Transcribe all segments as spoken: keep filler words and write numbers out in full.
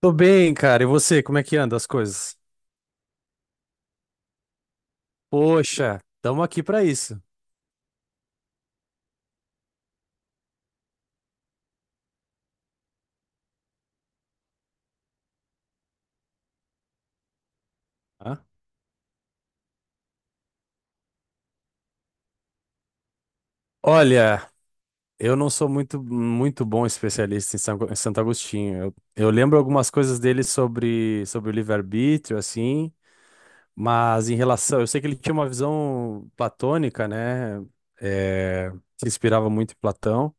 Tô bem, cara. E você, como é que anda as coisas? Poxa, estamos aqui para isso. Hã? Olha, eu não sou muito, muito bom especialista em São- em Santo Agostinho. Eu, eu lembro algumas coisas dele sobre, sobre o livre-arbítrio, assim, mas em relação. Eu sei que ele tinha uma visão platônica, né? É, se inspirava muito em Platão,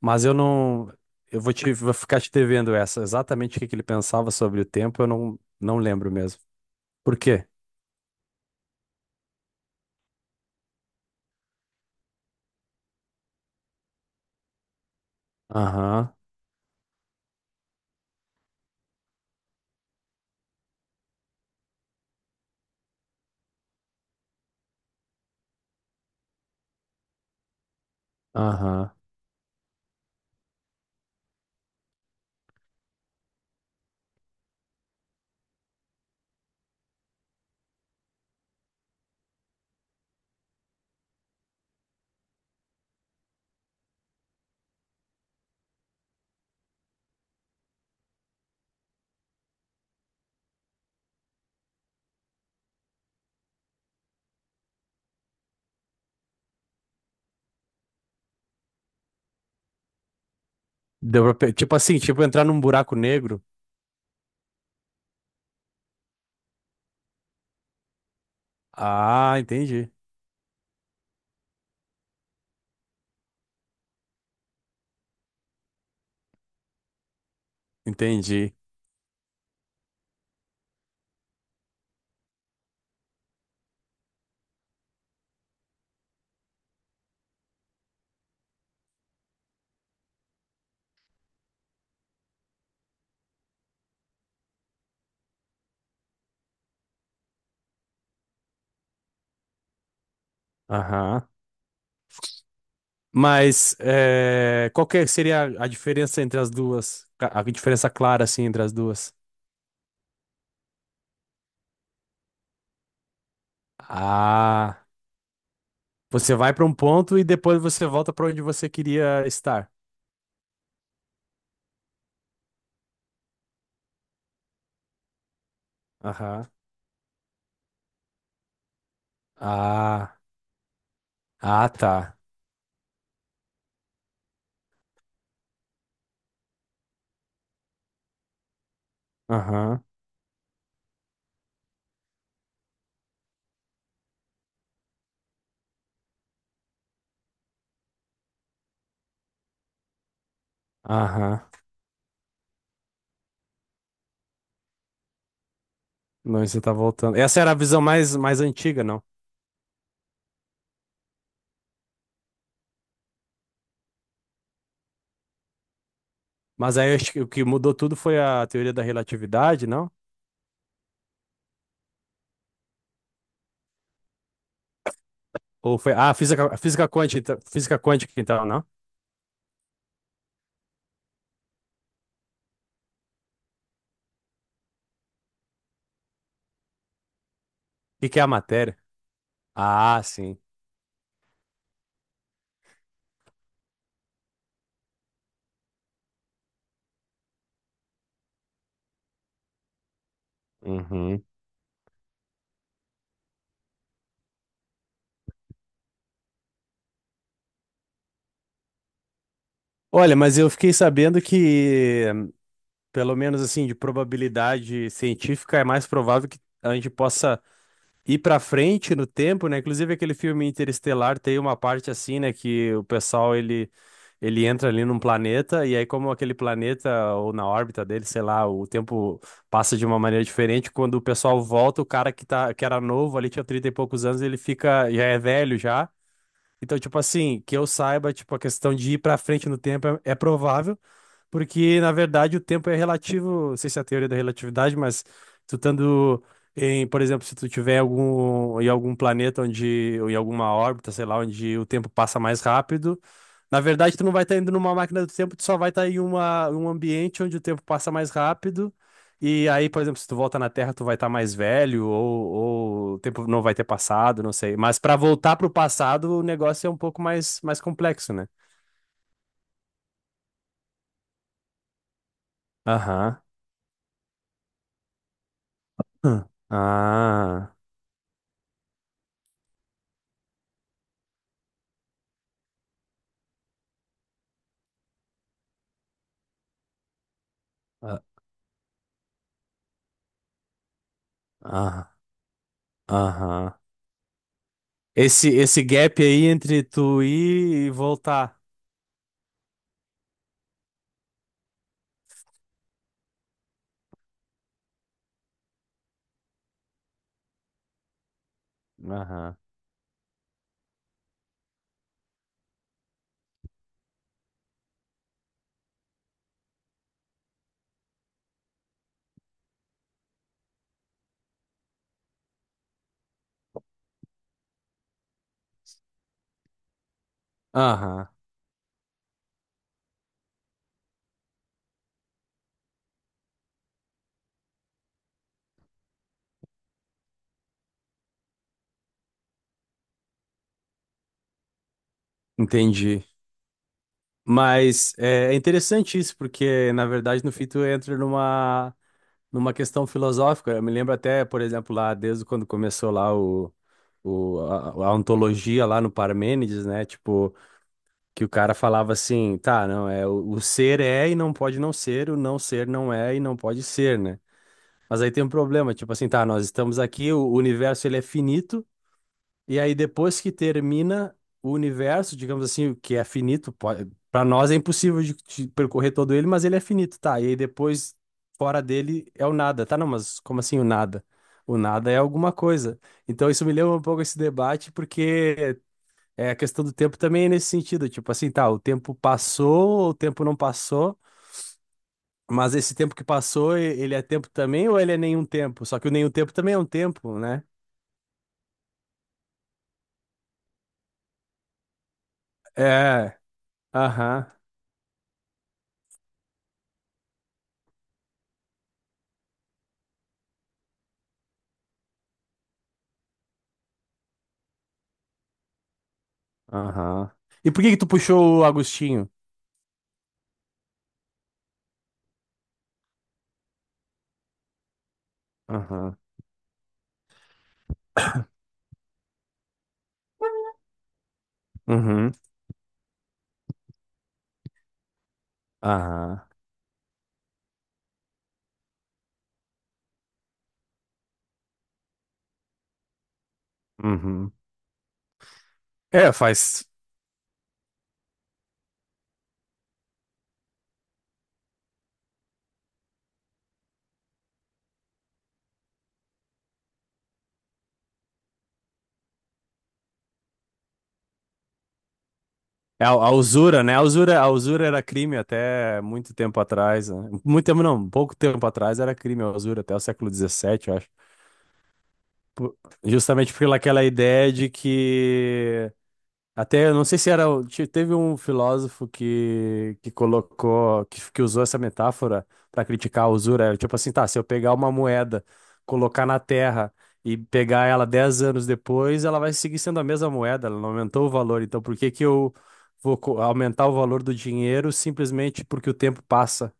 mas eu não. Eu vou te, vou ficar te devendo essa. Exatamente o que que ele pensava sobre o tempo, eu não, não lembro mesmo. Por quê? Aham, aham. Deu pra pe- Tipo assim, tipo entrar num buraco negro. Ah, entendi. Entendi. Aham. Mas é, qual que seria a diferença entre as duas? Ca- A diferença clara, assim, entre as duas? Ah, você vai pra um ponto e depois você volta pra onde você queria estar. Aham. Ah, ah, tá. Aham. Aham. Não, você tá voltando. Essa era a visão mais, mais antiga, não? Mas aí acho que o que mudou tudo foi a teoria da relatividade, não? Ou foi. Ah, física, física quântica, então, física quântica, então, não? O que que é a matéria? Ah, sim. Uhum. Olha, mas eu fiquei sabendo que, pelo menos assim, de probabilidade científica, é mais provável que a gente possa ir pra frente no tempo, né? Inclusive aquele filme Interestelar tem uma parte assim, né, que o pessoal ele ele entra ali num planeta e aí como aquele planeta ou na órbita dele, sei lá, o tempo passa de uma maneira diferente, quando o pessoal volta, o cara que tá que era novo ali tinha trinta e poucos anos, ele fica já é velho já. Então, tipo assim, que eu saiba, tipo a questão de ir pra frente no tempo é, é provável. Porque, na verdade, o tempo é relativo, não sei se é a teoria da relatividade, mas tu estando em, por exemplo, se tu tiver algum, em algum planeta onde, ou em alguma órbita, sei lá, onde o tempo passa mais rápido, na verdade, tu não vai estar indo numa máquina do tempo, tu só vai estar em uma, um ambiente onde o tempo passa mais rápido. E aí, por exemplo, se tu volta na Terra, tu vai estar mais velho, ou, ou o tempo não vai ter passado, não sei. Mas para voltar pro passado, o negócio é um pouco mais, mais complexo, né? Aham. Hum. Ah. Ah, aham. Esse, esse gap aí entre tu ir e voltar. Aham. Aham. Entendi. Mas é é interessante isso, porque na verdade no fim tu entra numa, numa questão filosófica. Eu me lembro até, por exemplo, lá desde quando começou lá o, o, a, a ontologia lá no Parmênides, né? Tipo, que o cara falava assim, tá, não, é o, o ser é e não pode não ser, o não ser não é e não pode ser, né? Mas aí tem um problema, tipo assim, tá, nós estamos aqui, o universo ele é finito, e aí depois que termina o universo, digamos assim, o que é finito, pode, para nós é impossível de, de percorrer todo ele, mas ele é finito, tá? E aí depois fora dele é o nada, tá? Não, mas como assim o nada? O nada é alguma coisa. Então isso me lembra um pouco esse debate, porque é, a questão do tempo também é nesse sentido, tipo assim, tá, o tempo passou, o tempo não passou. Mas esse tempo que passou, e- ele é tempo também ou ele é nenhum tempo? Só que o nenhum tempo também é um tempo, né? É. Aham. Aham. E por que que tu puxou o Agostinho? Aham. Uhum. Aham. Uhum. É, faz. É a, a usura, né? A usura, a usura era crime até muito tempo atrás. Né? Muito tempo, não, pouco tempo atrás era crime a usura, até o século dezessete eu acho. Por- Justamente pelaquela ideia de que. Até, eu não sei se era. o- te- Teve um filósofo que, que colocou, que, que usou essa metáfora para criticar a usura. Era tipo assim, tá, se eu pegar uma moeda, colocar na terra e pegar ela dez anos depois, ela vai seguir sendo a mesma moeda, ela não aumentou o valor. Então, por que que eu vou co- aumentar o valor do dinheiro simplesmente porque o tempo passa?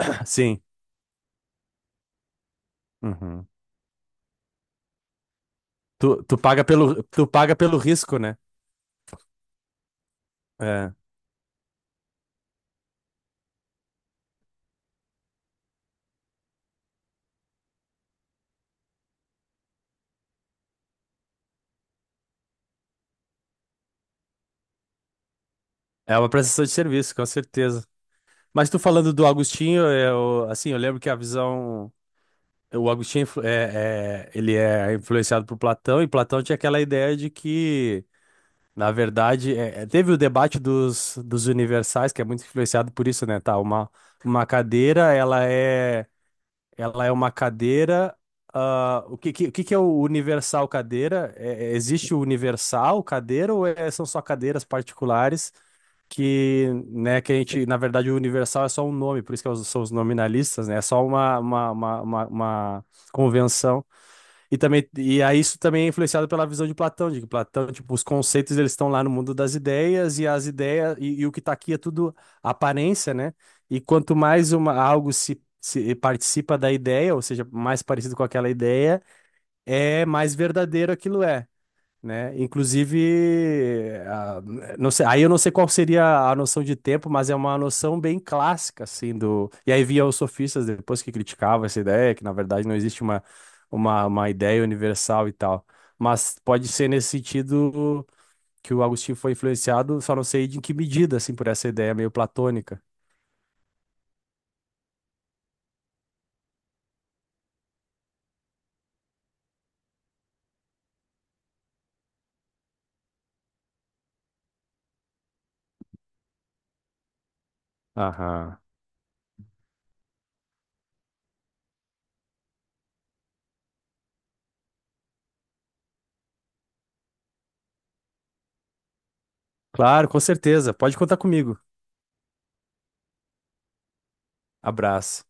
Sim. Uhum. Tu, tu paga pelo, tu paga pelo risco, né? É, é uma prestação de serviço, com certeza. Mas tu falando do Agostinho, eu, assim, eu lembro que a visão, o Agostinho é influ- é, é- ele é influenciado por Platão, e Platão tinha aquela ideia de que, na verdade, é- é- teve o debate dos, dos universais, que é muito influenciado por isso, né? Tá, uma, uma cadeira, ela é, ela é uma cadeira, ah, o que, que, o que que é o universal cadeira? É- é- existe o universal cadeira ou é- são só cadeiras particulares? Que, né, que a gente, na verdade, o universal é só um nome, por isso que é são os nominalistas, né? É só uma, uma, uma, uma, uma convenção. E também, e aí isso também é influenciado pela visão de Platão, de que Platão, tipo, os conceitos eles estão lá no mundo das ideias e as ideias e, e o que está aqui é tudo aparência, né? E quanto mais uma algo se Se participa da ideia, ou seja, mais parecido com aquela ideia, é mais verdadeiro aquilo é né? Inclusive, a- não sei, aí eu não sei qual seria a noção de tempo, mas é uma noção bem clássica, assim, do... E aí via os sofistas depois que criticavam essa ideia, que na verdade não existe uma, uma, uma, ideia universal e tal. Mas pode ser nesse sentido que o Agostinho foi influenciado, só não sei de em que medida, assim, por essa ideia meio platônica. Aham. Claro, com certeza. Pode contar comigo. Abraço.